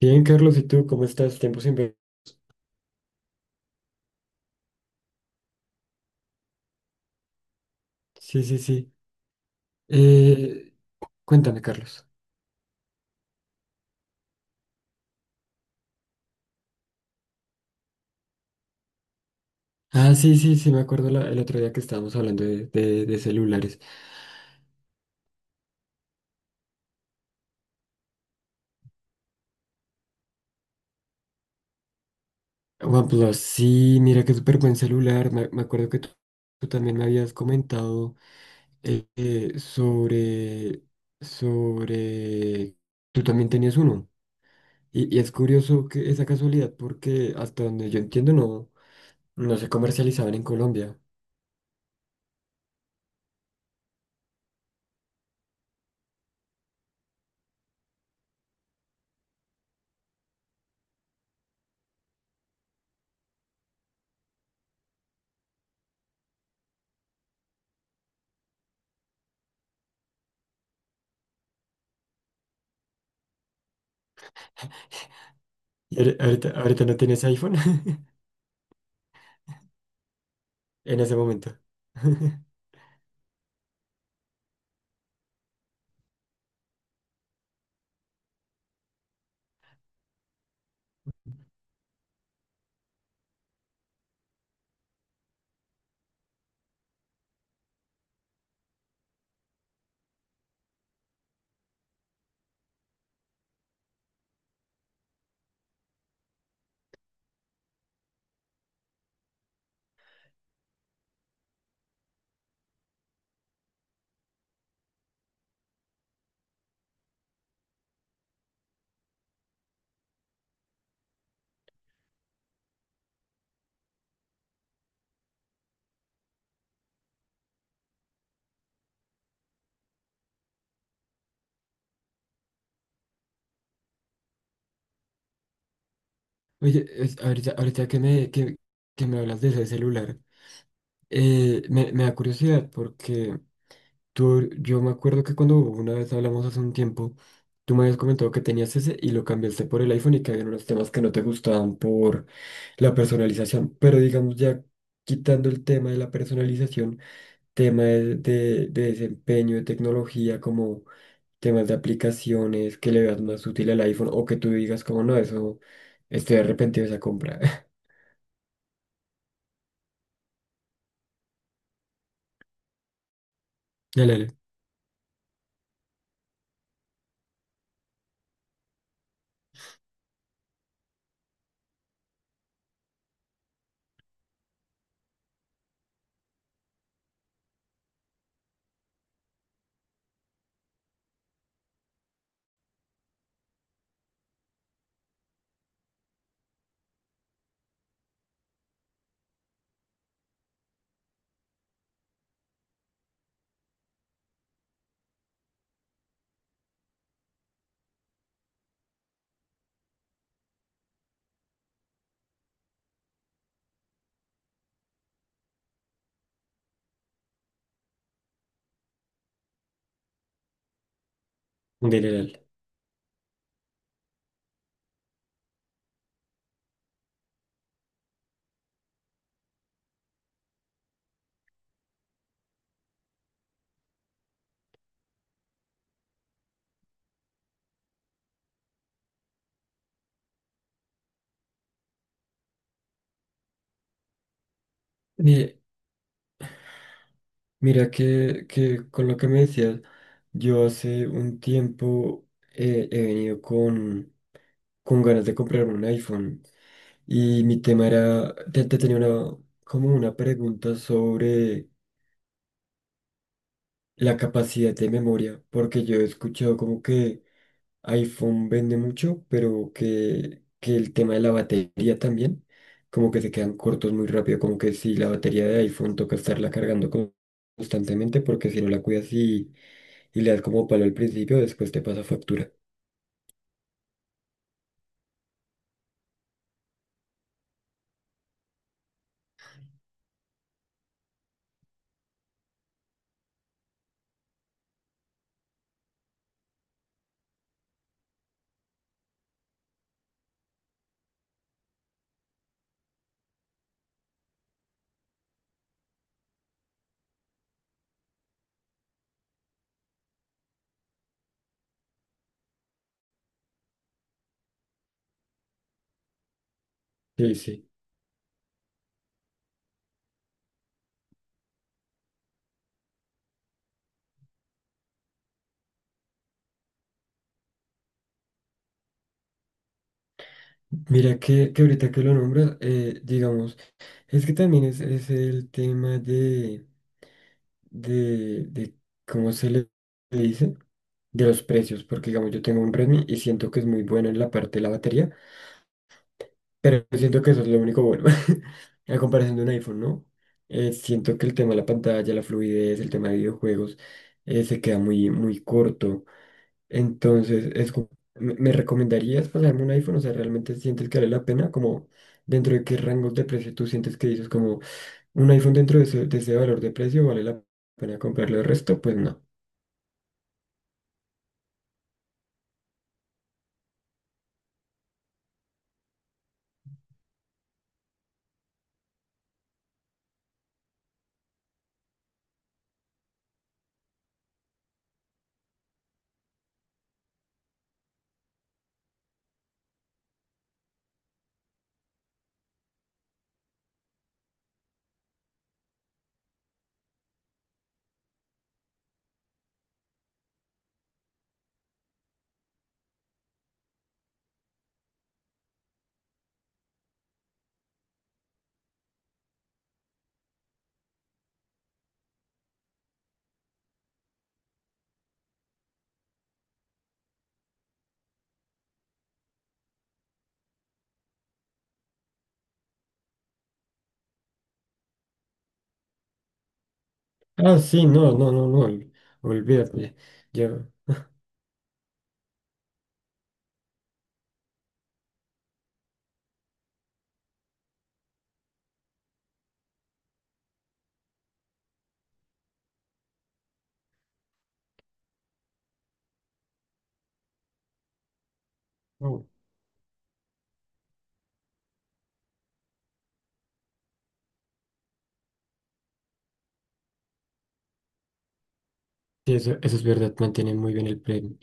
Bien, Carlos, ¿y tú cómo estás? Tiempo sin ver. Sí, sí, sí. Eh, cuéntame, Carlos. Ah, sí, sí, sí, me acuerdo el otro día que estábamos hablando de celulares. OnePlus, sí, mira qué súper buen celular. Me acuerdo que tú también me habías comentado sobre, sobre... Tú también tenías uno. Y es curioso que esa casualidad porque hasta donde yo entiendo, no se comercializaban en Colombia. ¿Y ahorita no tienes iPhone? En ese momento. Oye, ahorita, ahorita que me hablas de ese celular, me, me da curiosidad porque tú, yo me acuerdo que cuando una vez hablamos hace un tiempo, tú me habías comentado que tenías ese y lo cambiaste por el iPhone y que había unos temas que no te gustaban por la personalización. Pero digamos, ya quitando el tema de la personalización, tema de desempeño, de tecnología, como... temas de aplicaciones que le veas más útil al iPhone o que tú digas como no, eso estoy arrepentido de esa compra. Dale, dale. Mi- Mira que con lo que me decías, yo hace un tiempo he venido con ganas de comprarme un iPhone y mi tema era, te tenía una, como una pregunta sobre la capacidad de memoria, porque yo he escuchado como que iPhone vende mucho, pero que el tema de la batería también, como que se quedan cortos muy rápido, como que si la batería de iPhone toca estarla cargando constantemente, porque si no la cuidas y le das como palo al principio, después te pasa factura. Sí, sí. Mira que ahorita que lo nombras, digamos, es que también es el tema de, ¿cómo se le dice? De los precios, porque digamos, yo tengo un Redmi y siento que es muy bueno en la parte de la batería, pero siento que eso es lo único bueno, a comparación de un iPhone, ¿no? Siento que el tema de la pantalla, la fluidez, el tema de videojuegos, se queda muy, muy corto. Entonces, es como... ¿Me recomendarías pasarme un iPhone? O sea, ¿realmente sientes que vale la pena? Como dentro de qué rangos de precio tú sientes que dices como un iPhone dentro de ese valor de precio vale la pena comprarlo. El resto, pues no. Ah, sí, no, no, no, no. Olvídate. Ya. No. Sí, eso es verdad, mantienen muy bien el premio.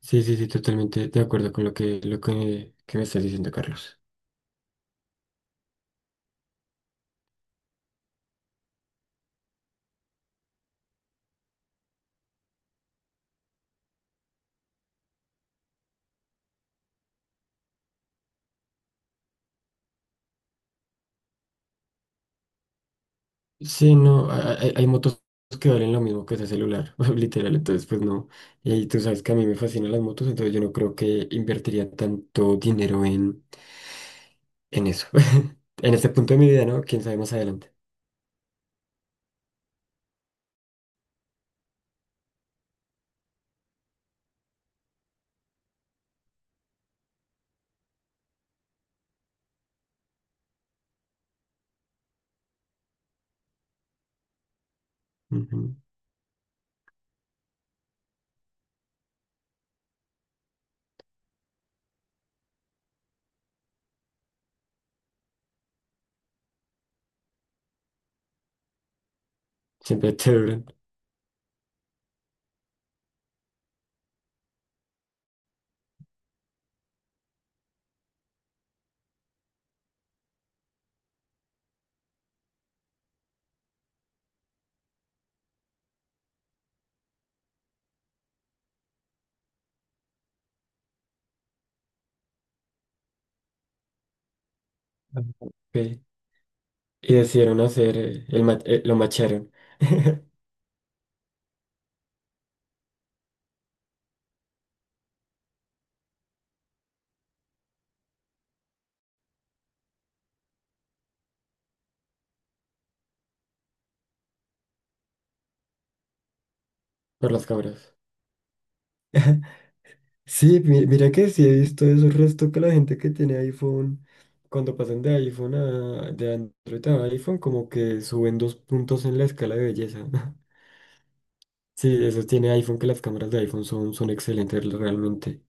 Sí, sí, sí, totalmente de acuerdo con lo que, que me estás diciendo, Carlos. Sí, no, hay, hay motos que valen lo mismo que ese celular, literal, entonces pues no. Y tú sabes que a mí me fascinan las motos, entonces yo no creo que invertiría tanto dinero en eso. En este punto de mi vida, ¿no? Quién sabe más adelante. Ujú. Siempre te duran. Ajá. Ok. Y decidieron hacer, lo macharon por las cabras. Sí, mira que sí he visto eso, el resto que la gente que tiene iPhone, cuando pasan de iPhone a, de Android a iPhone, como que suben 2 puntos en la escala de belleza. Sí, eso tiene iPhone, que las cámaras de iPhone son, son excelentes realmente.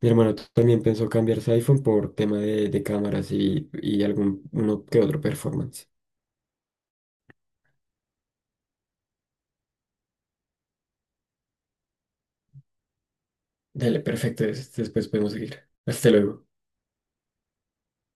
Mi hermano también pensó cambiarse a iPhone por tema de cámaras y algún uno que otro performance. Dale, perfecto, después podemos seguir. Hasta luego.